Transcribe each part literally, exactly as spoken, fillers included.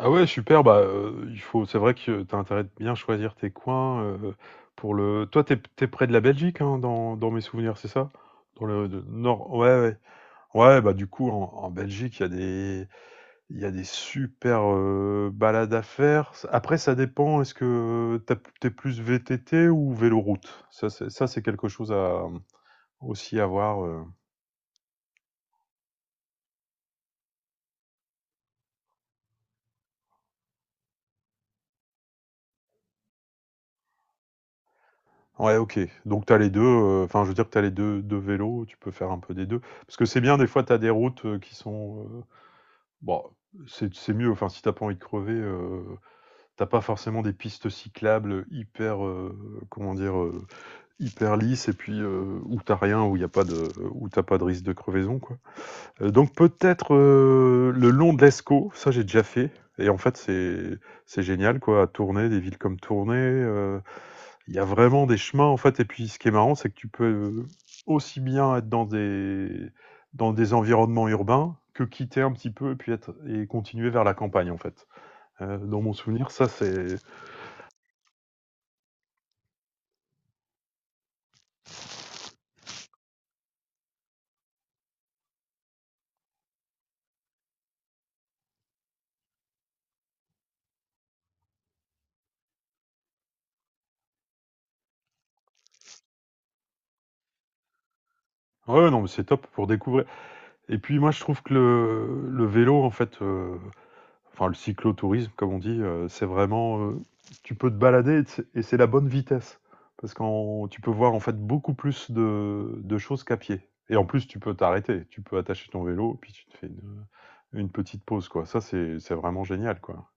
Ah ouais, super, bah, heu, il faut c'est vrai que tu as intérêt de bien choisir tes coins, heu, pour le toi, t'es es près de la Belgique, hein, dans dans mes souvenirs, c'est ça? Dans le de nord, ouais, ouais. Ouais, bah, du coup, en en Belgique, il y a des il y a des super, heu, balades à faire. Après, ça dépend, est-ce que tu as p tu es plus V T T ou véloroute? Ça, c'est ça, c'est quelque chose à, mmh, aussi à voir, heu ouais, OK. Donc tu as les deux. heu, enfin je veux dire que tu as les deux 2 vélos, tu peux faire un peu des deux. Parce que c'est bien des fois tu as des routes, heu, qui sont, heu, bon, c'est c'est mieux, enfin si t'as pas envie de crever, heu, tu pas forcément des pistes cyclables, hyper, heu, comment dire? Heu, hyper lisses et puis, heu, où t'as rien, où y a pas de où t'as pas de risque de crevaison, quoi. Heu, donc peut-être, heu, le long de l'Escaut, ça j'ai déjà fait, et en fait c'est c'est génial quoi, à Tournai, des villes comme Tournai, il y a vraiment des chemins en fait. Et puis ce qui est marrant, c'est que tu peux euh, aussi bien être dans des, dans des environnements urbains que quitter un petit peu et puis être et continuer vers la campagne en fait. Euh, dans mon souvenir, ça c'est ouais, non mais c'est top pour découvrir. Et puis moi je trouve que le, le vélo en fait, euh, enfin le cyclotourisme, comme on dit, euh, c'est vraiment, euh, tu peux te balader et c'est- et c'est la bonne vitesse. Parce que tu peux voir en fait beaucoup plus de, de choses qu'à pied. Et en plus, tu peux t'arrêter, tu peux attacher ton vélo, puis tu te fais une, une petite pause, quoi. Ça, c'est c'est vraiment génial, quoi.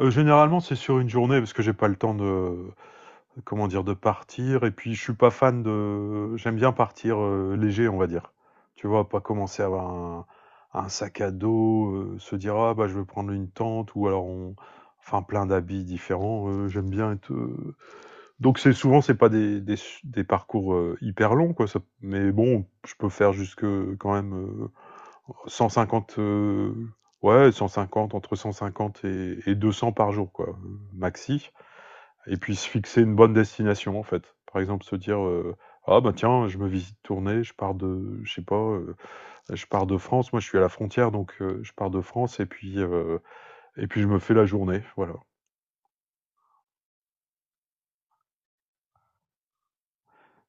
Euh, généralement, c'est sur une journée, parce que j'ai pas le temps de. Comment dire? De partir, et puis je suis pas fan de, j'aime bien partir, heu, léger, on va dire. Tu vois? Pas commencer à avoir un un sac à dos, heu, se dire: «Ah bah, je vais prendre une tente», ou alors on enfin plein d'habits différents, heu, j'aime bien être, heu donc c'est souvent c'est pas des des su des parcours, heu, hyper longs quoi, ça mais bon, je peux faire jusque quand même, heu, cent cinquante, heu, ouais, cent cinquante, entre cent cinquante et et deux cents par jour quoi, heu, maxi. Et puis se fixer une bonne destination, en fait. Par exemple, se dire, heu: «Ah bah tiens, je me visite tournée, je pars de, je sais pas, heu, je pars de France». Moi, je suis à la frontière, donc heu, je pars de France, et puis, heu et puis je me fais la journée, voilà.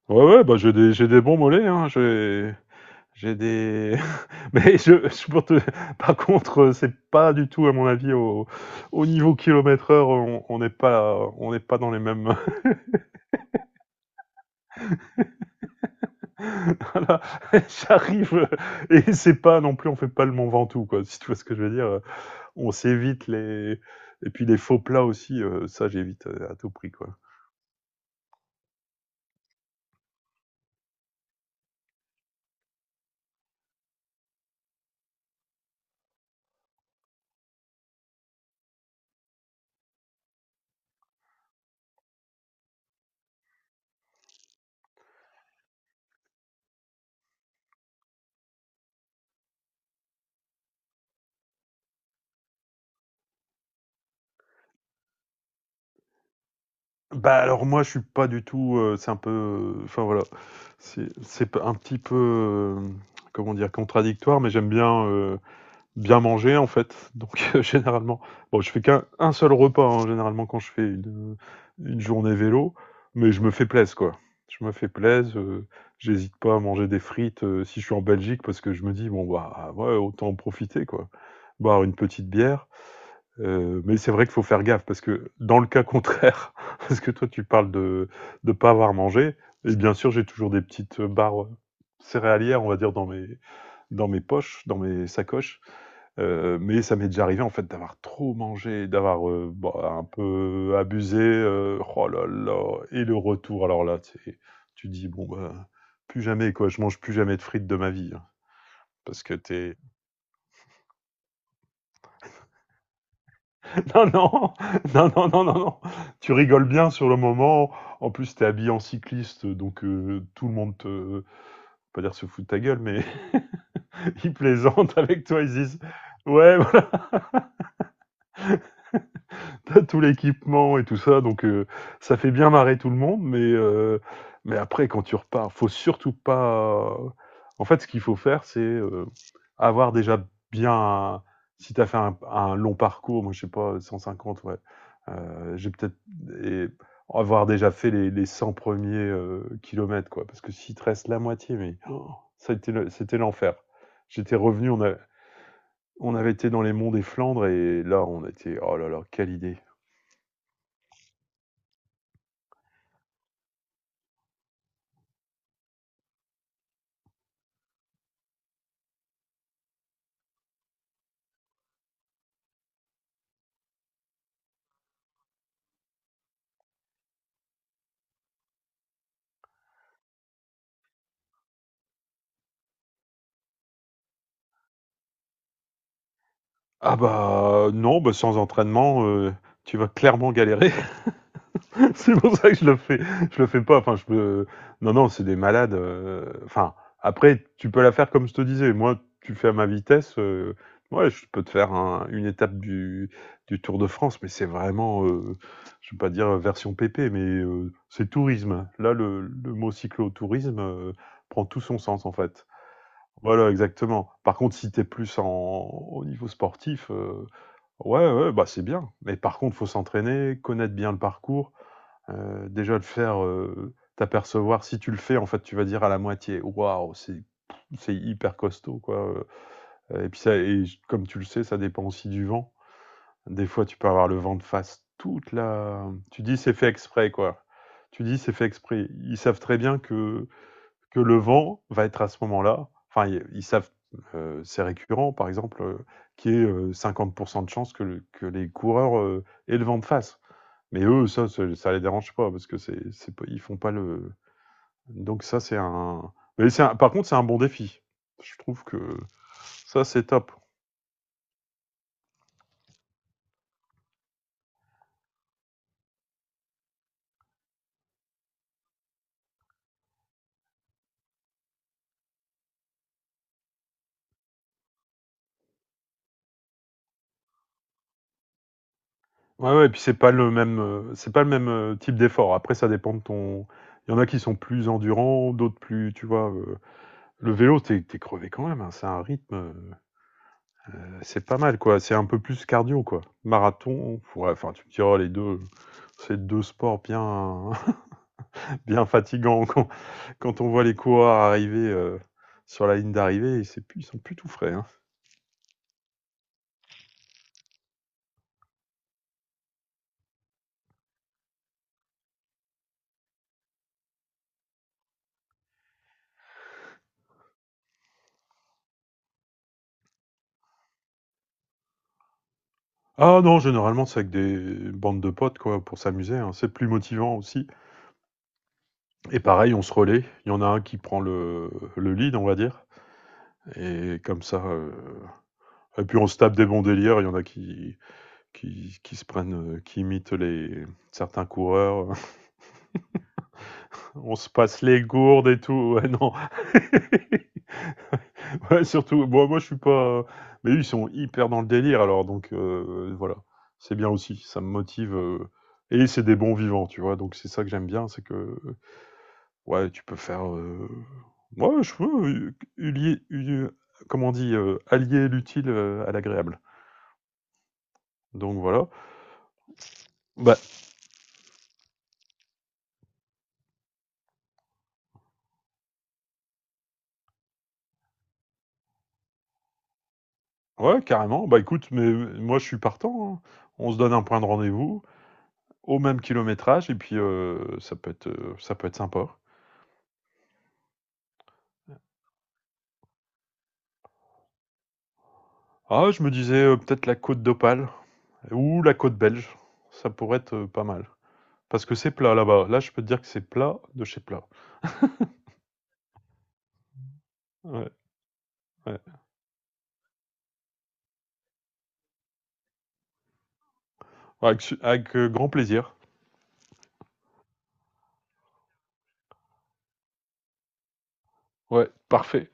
Ouais, ouais, bah, j'ai des j'ai des bons mollets, hein, j'ai j'ai des mais je je pour te par contre, heu, c'est pas du tout, à mon avis, au au niveau kilomètre heure, on on n'est pas on n'est pas dans les mêmes. Voilà, j'arrive, euh, et c'est pas non plus, on fait pas le Mont Ventoux quoi, si tu vois ce que je veux dire, euh, on s'évite les et puis les faux plats aussi, heu, ça j'évite, heu, à tout prix quoi. Bah, alors moi je suis pas du tout, heu, c'est un peu, heu, enfin voilà, c'est c'est un petit peu, hem, comment dire? Contradictoire, mais j'aime bien, heu bien manger en fait. Donc euh, généralement, bon, je fais qu'un un seul repas hein, généralement quand je fais une, une journée vélo, mais je me fais plaisir quoi. Je me fais plaisir, euh, j'hésite pas à manger des frites, euh, si je suis en Belgique parce que je me dis bon bah ouais, autant en profiter quoi. Boire une petite bière. Euh, mais c'est vrai qu'il faut faire gaffe parce que dans le cas contraire, parce que toi tu parles de de pas avoir mangé, et bien sûr j'ai toujours des petites barres céréalières, on va dire, dans mes dans mes poches, dans mes sacoches. Heu, mais ça m'est déjà arrivé en fait d'avoir trop mangé, d'avoir, heu, bah, un peu abusé, heu, oh là là, et le retour alors là, c'est, tu dis: «Bon bah, plus jamais quoi, je mange plus jamais de frites de ma vie, hein». Parce que t'es non, non, non, non, non, non, non, tu rigoles bien sur le moment, en plus t'es habillé en cycliste, donc heu, tout le monde te, pas dire se fout de ta gueule, mais ils plaisantent avec toi, ils disent: «Ouais, t'as tout l'équipement et tout ça», donc euh, ça fait bien marrer tout le monde, mais, euh, mais après, quand tu repars, faut surtout pas. euh, En fait, ce qu'il faut faire, c'est, euh, avoir déjà bien. un- Si t'as fait un, un long parcours, moi je sais pas, cent cinquante, ouais, euh, j'ai peut-être. Et avoir déjà fait les, les cent premiers euh, kilomètres, quoi, parce que s'il te reste la moitié, mais oh, ça a été le- c'était l'enfer. J'étais revenu, on, a- on avait été dans les monts des Flandres, et là, on était. Oh là là, quelle idée! Ah bah, non, bah, sans entraînement, heu, tu vas clairement galérer. C'est pour ça que je le fais, je le fais pas. Enfin, je me- non, non, c'est des malades. euh, Enfin, après, tu peux la faire comme je te disais. Moi, tu fais à ma vitesse. euh, Ouais, je peux te faire un- une étape du, du Tour de France, mais c'est vraiment, euh, je ne vais pas dire version pépé, mais euh, c'est tourisme. Là, le, le mot cyclotourisme, euh, prend tout son sens en fait. Voilà, exactement. Par contre, si t'es plus en, au niveau sportif, euh, ouais, ouais, bah c'est bien. Mais par contre, faut s'entraîner, connaître bien le parcours, euh, déjà le faire, euh, t'apercevoir, si tu le fais, en fait, tu vas dire à la moitié, waouh, c'est c'est hyper costaud quoi. Euh, Et puis ça, et comme tu le sais, ça dépend aussi du vent. Des fois, tu peux avoir le vent de face toute la. Tu dis c'est fait exprès quoi. Tu dis c'est fait exprès. Ils savent très bien que que le vent va être à ce moment-là. Enfin, ils ils savent. euh, c'est récurrent, par exemple, qui est cinquante pour cent de chance que, le- que les coureurs, euh, aient le vent de face. Mais eux, ça, ça, ça les dérange pas parce que c'est, c'est pas- ils font pas le. Donc ça, c'est un. Mais c'est un- par contre, c'est un bon défi. Je trouve que ça, c'est top. Ouais, ouais. Et puis c'est pas le même, euh, c'est pas le même, euh, type d'effort. Après, ça dépend de ton. Il y en a qui sont plus endurants, d'autres plus, tu vois. euh, Le vélo, t'es, t'es crevé quand même, hein. C'est un rythme, euh, c'est pas mal, quoi. C'est un peu plus cardio, quoi. Marathon, ouais. Enfin, tu me diras les deux, c'est deux sports bien, bien fatigants, quoi. Quand on voit les coureurs arriver, euh, sur la ligne d'arrivée, c'est plus- ils sont plus tout frais, hein. Ah non, généralement c'est avec des bandes de potes quoi pour s'amuser, hein. C'est plus motivant aussi. Et pareil, on se relaie. Il y en a un qui prend le, le lead, on va dire. Et comme ça, euh, et puis on se tape des bons délires. Il y en a qui qui, qui se prennent, euh, qui imitent les certains coureurs. On se passe les gourdes et tout. Ouais, non, ouais, surtout, bon, moi je suis pas. Mais eux, ils sont hyper dans le délire alors, donc euh, voilà, c'est bien aussi, ça me motive. euh, Et c'est des bons vivants, tu vois, donc c'est ça que j'aime bien, c'est que, ouais, tu peux faire. euh, Ouais, je veux, euh, ulier- u- comment on dit, euh, allier l'utile, euh, à l'agréable. Donc voilà. Bah, ouais, carrément. Bah écoute, mais euh, moi je suis partant, hein. On se donne un point de rendez-vous au même kilométrage et puis euh, ça peut être, euh, ça peut être sympa. Ah, je me disais euh, peut-être la Côte d'Opale. Ou la côte belge, ça pourrait être euh, pas mal. Parce que c'est plat là-bas. Là, je peux te dire que c'est plat de chez plat. Ouais, ouais. Ouais, Avec, avec, euh, grand plaisir. Ouais, parfait.